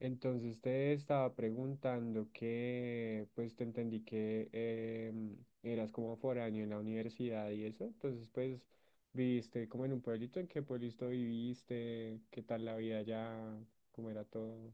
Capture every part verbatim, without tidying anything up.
Entonces te estaba preguntando que, pues te entendí que em, eras como foráneo en la universidad y eso, entonces pues viviste como en un pueblito. ¿En qué pueblito viviste? ¿Qué tal la vida allá? ¿Cómo era todo?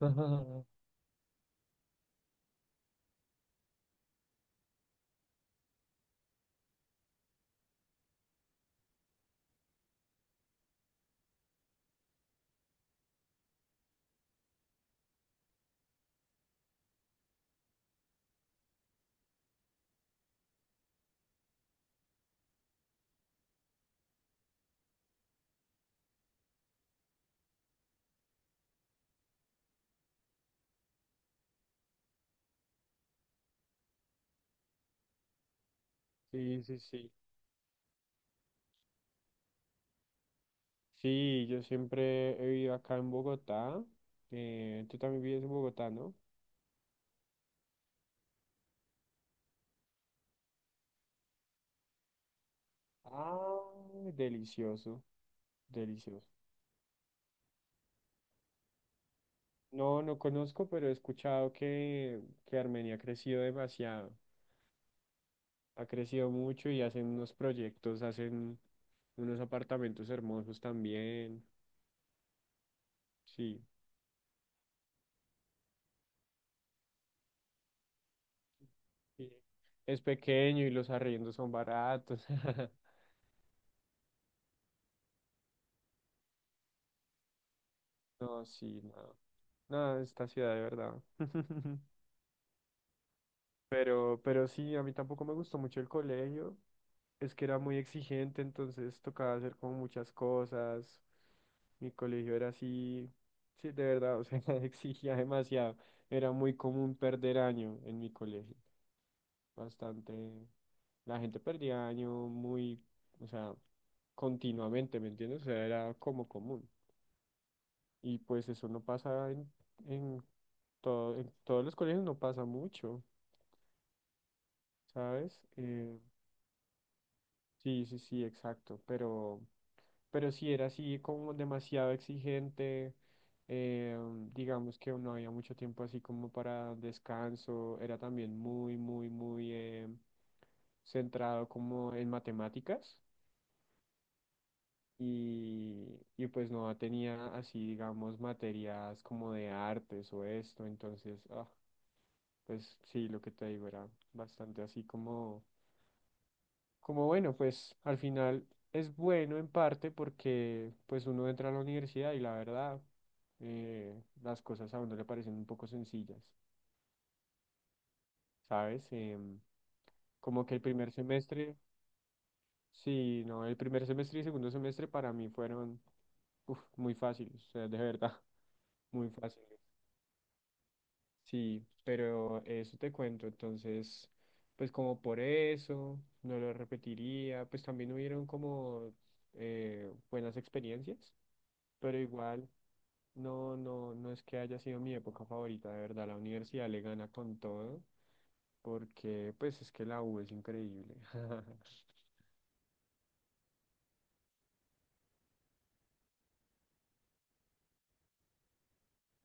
Sí, sí, sí. Sí, yo siempre he vivido acá en Bogotá. Eh, tú también vives en Bogotá, ¿no? Ah, delicioso, delicioso. No, no conozco, pero he escuchado que, que Armenia ha crecido demasiado. Ha crecido mucho y hacen unos proyectos, hacen unos apartamentos hermosos también. Sí. Sí. Es pequeño y los arriendos son baratos. No, sí, no. No, esta ciudad de verdad. Pero, pero sí, a mí tampoco me gustó mucho el colegio. Es que era muy exigente, entonces tocaba hacer como muchas cosas. Mi colegio era así, sí, de verdad, o sea, exigía demasiado. Era muy común perder año en mi colegio. Bastante, la gente perdía año muy, o sea, continuamente, ¿me entiendes? O sea, era como común. Y pues eso no pasa en, en, todo, en todos los colegios, no pasa mucho, ¿sabes? Eh, sí, sí, sí, exacto, pero... pero sí era así como demasiado exigente, eh, digamos que no había mucho tiempo así como para descanso, era también muy, muy, muy eh, centrado como en matemáticas y, y pues no tenía así, digamos, materias como de artes o esto, entonces, ah, pues sí, lo que te digo era bastante así como como bueno, pues al final es bueno en parte porque pues uno entra a la universidad y la verdad eh, las cosas a uno le parecen un poco sencillas, ¿sabes? Em, como que el primer semestre, sí, no, el primer semestre y segundo semestre para mí fueron uf, muy fáciles, o sea, de verdad, muy fáciles. Sí, pero eso te cuento, entonces, pues como por eso, no lo repetiría, pues también hubieron como eh, buenas experiencias, pero igual. No, no, no es que haya sido mi época favorita, de verdad, la universidad le gana con todo, porque pues es que la U es increíble.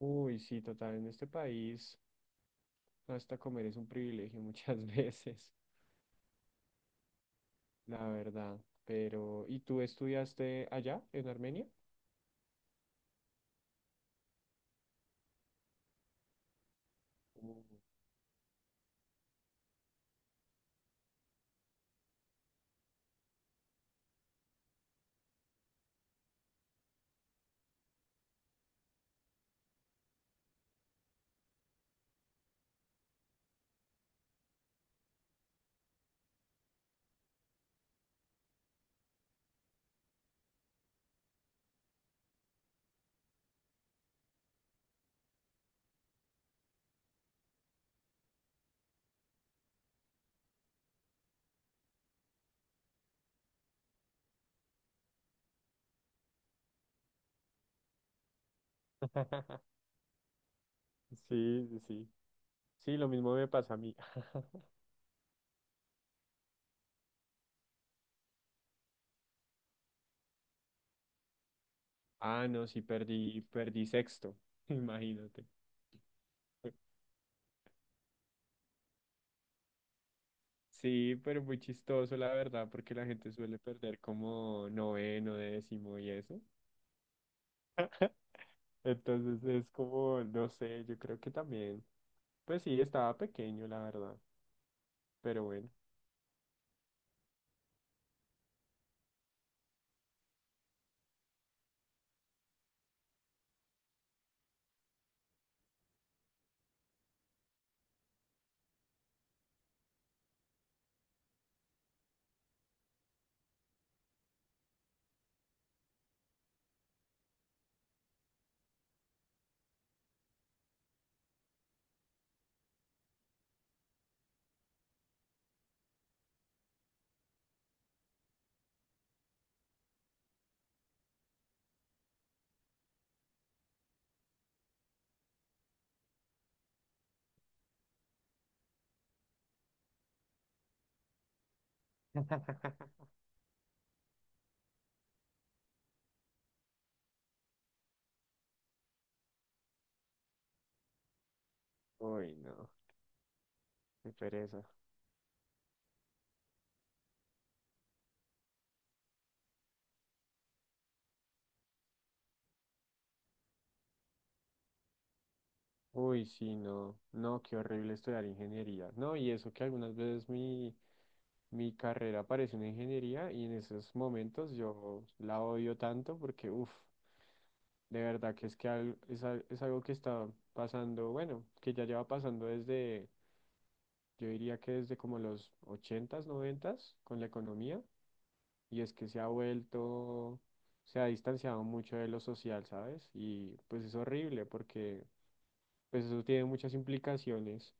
Uy, sí, total, en este país hasta comer es un privilegio muchas veces, la verdad. Pero, ¿y tú estudiaste allá, en Armenia? Uh. Sí, sí, sí. Sí, lo mismo me pasa a mí. Ah, no, sí, perdí, perdí sexto, imagínate. Sí, pero muy chistoso, la verdad, porque la gente suele perder como noveno, décimo y eso. Entonces es como, no sé, yo creo que también. Pues sí, estaba pequeño, la verdad, pero bueno. Uy, no, qué pereza. Uy, sí, no, no, qué horrible estudiar ingeniería. No, y eso que algunas veces mi, mi carrera parece una ingeniería y en esos momentos yo la odio tanto porque, uff. De verdad que es que al- es, al- es algo que está pasando, bueno, que ya lleva pasando desde, yo diría que desde como los ochentas noventas con la economía, y es que se ha vuelto, se ha distanciado mucho de lo social, ¿sabes? Y pues es horrible porque pues eso tiene muchas implicaciones,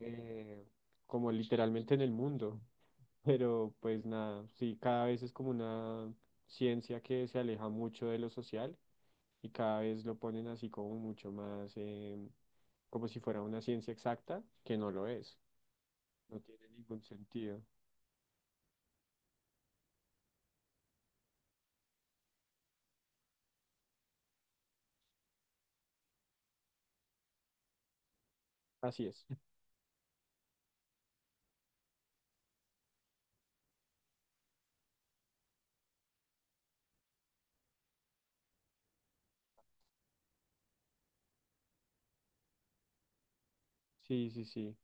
eh, como literalmente en el mundo, pero pues nada, sí, cada vez es como una ciencia que se aleja mucho de lo social y cada vez lo ponen así como mucho más, eh, como si fuera una ciencia exacta, que no lo es, no tiene ningún sentido. Así es. Sí, sí, sí.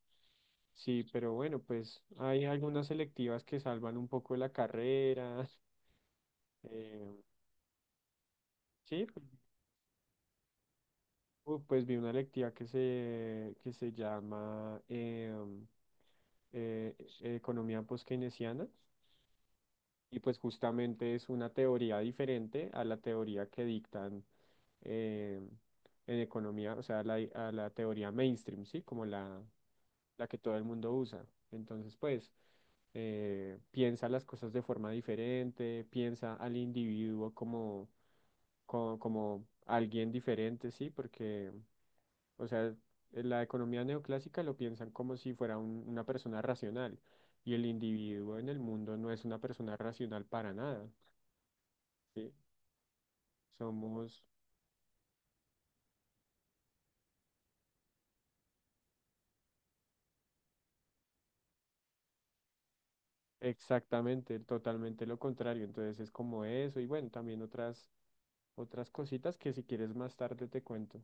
Sí, pero bueno, pues hay algunas selectivas que salvan un poco la carrera. eh, sí, pues uh, pues vi una electiva que se, que se llama em, eh, e, Economía Poskeynesiana. Y pues justamente es una teoría diferente a la teoría que dictan eh, en economía, o sea, a la, a la teoría mainstream, ¿sí? Como la, la que todo el mundo usa. Entonces, pues, eh, piensa las cosas de forma diferente, piensa al individuo como, como, como alguien diferente, ¿sí? Porque, o sea, en la economía neoclásica lo piensan como si fuera un- una persona racional. Y el individuo en el mundo no es una persona racional para nada. Sí, somos exactamente, totalmente lo contrario. Entonces es como eso y bueno, también otras, otras cositas que si quieres más tarde te cuento.